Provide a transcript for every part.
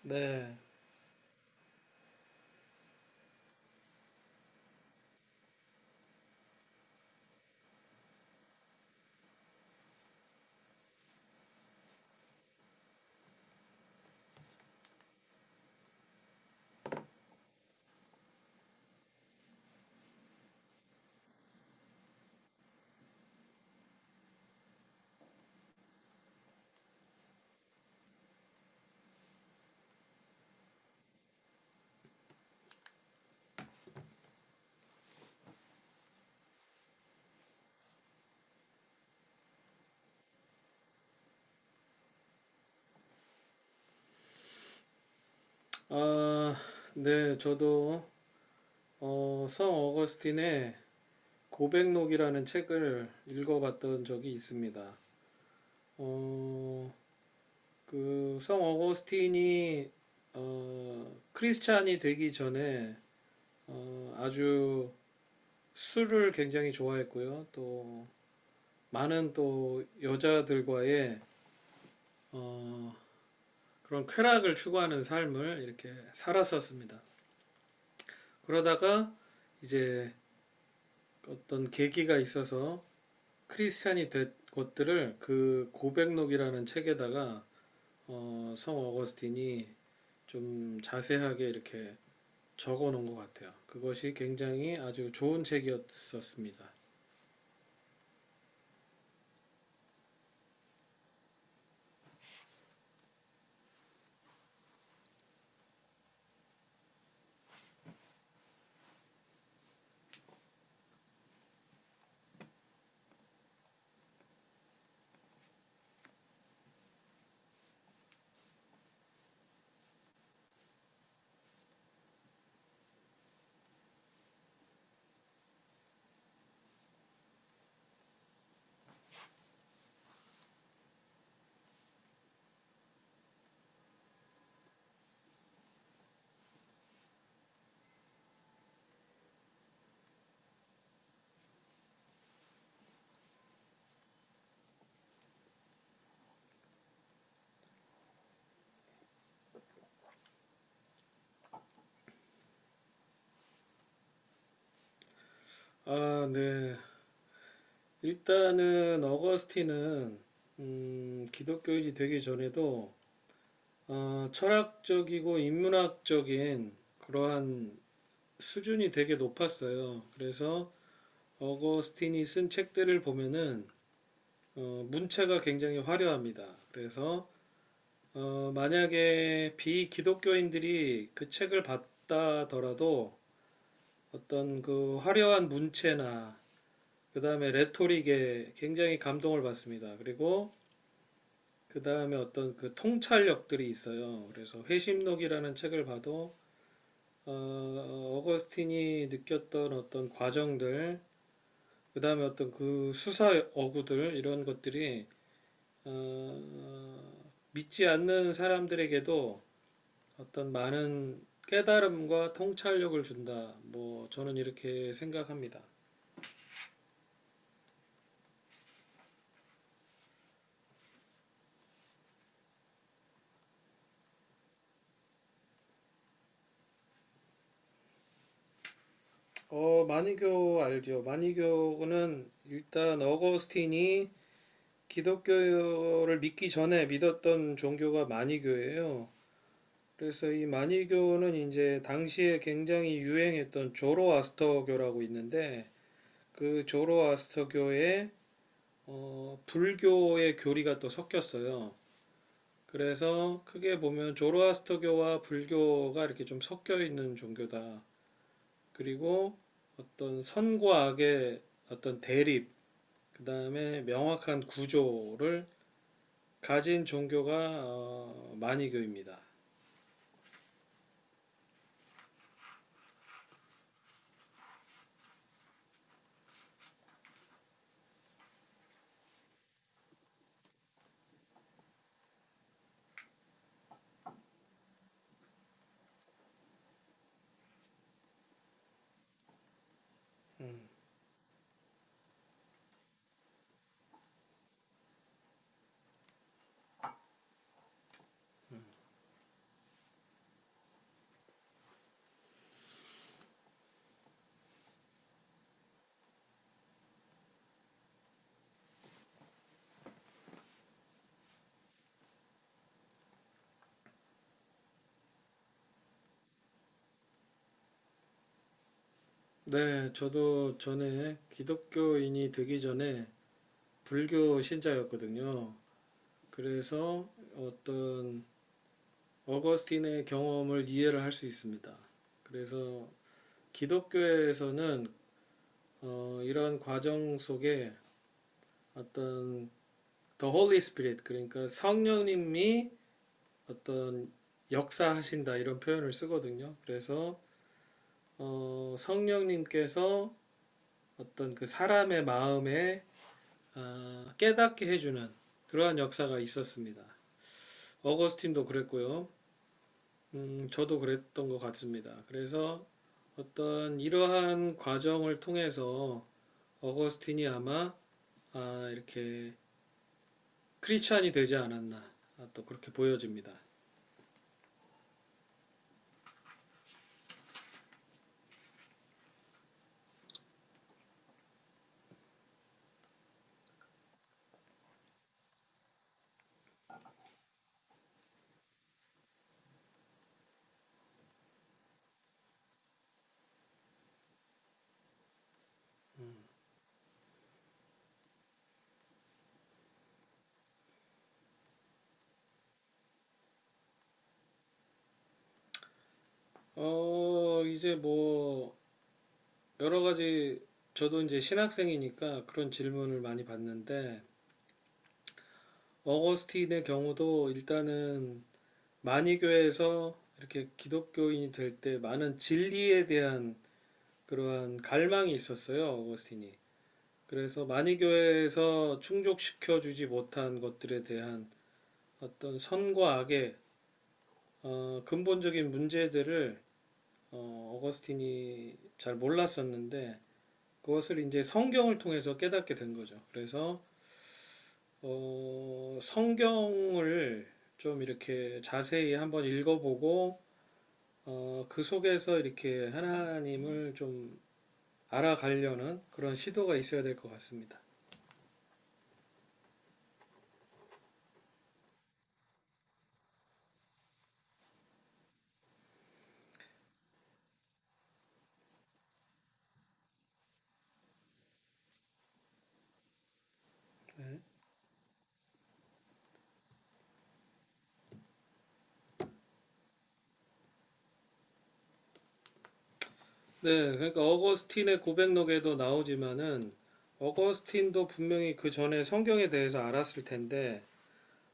네, 아, 네, 저도 성 어거스틴의 고백록이라는 책을 읽어봤던 적이 있습니다. 어, 성 어거스틴이 크리스찬이 되기 전에 아주 술을 굉장히 좋아했고요. 또 많은 또 여자들과의 어, 그런 쾌락을 추구하는 삶을 이렇게 살았었습니다. 그러다가 이제 어떤 계기가 있어서 크리스찬이 된 것들을 그 고백록이라는 책에다가 성 어거스틴이 좀 자세하게 이렇게 적어 놓은 것 같아요. 그것이 굉장히 아주 좋은 책이었었습니다. 아, 네. 일단은 어거스틴은 기독교인이 되기 전에도 철학적이고 인문학적인 그러한 수준이 되게 높았어요. 그래서 어거스틴이 쓴 책들을 보면은 문체가 굉장히 화려합니다. 그래서 만약에 비기독교인들이 그 책을 봤다더라도 어떤 그 화려한 문체나 그 다음에 레토릭에 굉장히 감동을 받습니다. 그리고 그 다음에 어떤 그 통찰력들이 있어요. 그래서 회심록이라는 책을 봐도 어거스틴이 느꼈던 어떤 과정들, 그 다음에 어떤 그 수사 어구들 이런 것들이 어, 믿지 않는 사람들에게도 어떤 많은 깨달음과 통찰력을 준다. 뭐 저는 이렇게 생각합니다. 마니교 알죠? 마니교는 일단 어거스틴이 기독교를 믿기 전에 믿었던 종교가 마니교예요. 그래서 이 마니교는 이제 당시에 굉장히 유행했던 조로아스터교라고 있는데 그 조로아스터교의 불교의 교리가 또 섞였어요. 그래서 크게 보면 조로아스터교와 불교가 이렇게 좀 섞여 있는 종교다. 그리고 어떤 선과 악의 어떤 대립, 그 다음에 명확한 구조를 가진 종교가 마니교입니다. 네, 저도 전에 기독교인이 되기 전에 불교 신자였거든요. 그래서 어떤 어거스틴의 경험을 이해를 할 수 있습니다. 그래서 기독교에서는 이런 과정 속에 어떤 The Holy Spirit, 그러니까 성령님이 어떤 역사하신다 이런 표현을 쓰거든요. 그래서 성령님께서 어떤 그 사람의 마음에 깨닫게 해주는 그러한 역사가 있었습니다. 어거스틴도 그랬고요. 저도 그랬던 것 같습니다. 그래서 어떤 이러한 과정을 통해서 어거스틴이 아마 아, 이렇게 크리스찬이 되지 않았나 아, 또 그렇게 보여집니다. 이제 뭐 여러 가지, 저도 이제 신학생이니까 그런 질문을 많이 받는데 어거스틴의 경우도 일단은 만이교에서 이렇게 기독교인이 될 때 많은 진리에 대한 그러한 갈망이 있었어요, 어거스틴이. 그래서 만이교회에서 충족시켜 주지 못한 것들에 대한 어떤 선과 악의 근본적인 문제들을 어거스틴이 잘 몰랐었는데 그것을 이제 성경을 통해서 깨닫게 된 거죠. 그래서 성경을 좀 이렇게 자세히 한번 읽어보고 그 속에서 이렇게 하나님을 좀 알아가려는 그런 시도가 있어야 될 것 같습니다. 네, 그러니까 어거스틴의 고백록에도 나오지만은 어거스틴도 분명히 그 전에 성경에 대해서 알았을 텐데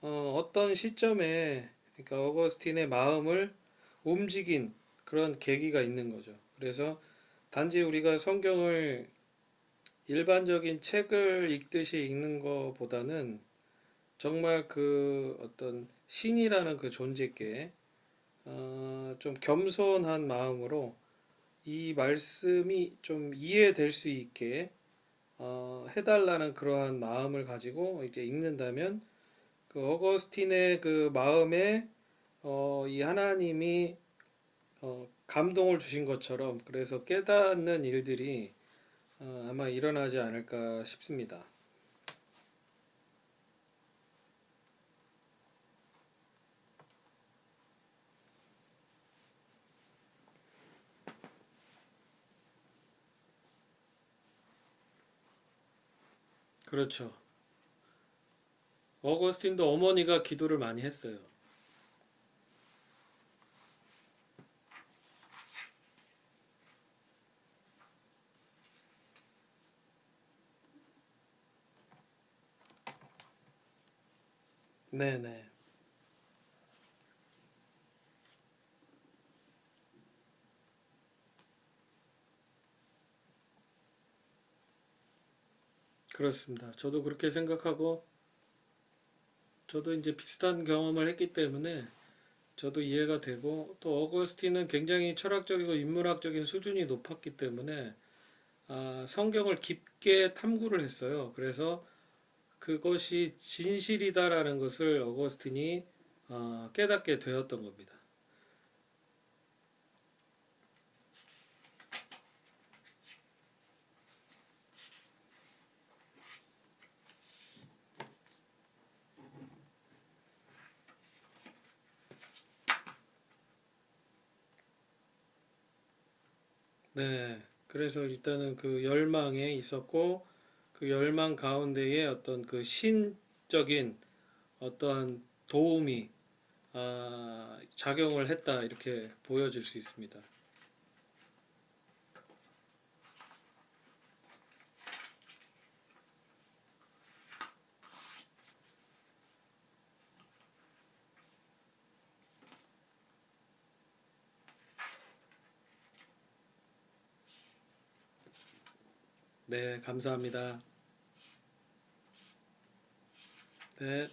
떤 시점에 그러니까 어거스틴의 마음을 움직인 그런 계기가 있는 거죠. 그래서 단지 우리가 성경을 일반적인 책을 읽듯이 읽는 것보다는 정말 그 어떤 신이라는 그 존재께 좀 겸손한 마음으로 이 말씀이 좀 이해될 수 있게 해달라는 그러한 마음을 가지고 이제 읽는다면 그 어거스틴의 그 마음에 이 하나님이 감동을 주신 것처럼 그래서 깨닫는 일들이 아마 일어나지 않을까 싶습니다. 그렇죠. 어거스틴도 어머니가 기도를 많이 했어요. 네네. 그렇습니다. 저도 그렇게 생각하고 저도 이제 비슷한 경험을 했기 때문에 저도 이해가 되고 또 어거스틴은 굉장히 철학적이고 인문학적인 수준이 높았기 때문에 아, 성경을 깊게 탐구를 했어요. 그래서 그것이 진실이다라는 것을 어거스틴이 깨닫게 되었던 겁니다. 네. 그래서 일단은 그 열망에 있었고 그 열망 가운데에 어떤 그 신적인 어떠한 도움이 아, 작용을 했다 이렇게 보여질 수 있습니다. 네, 감사합니다. 네.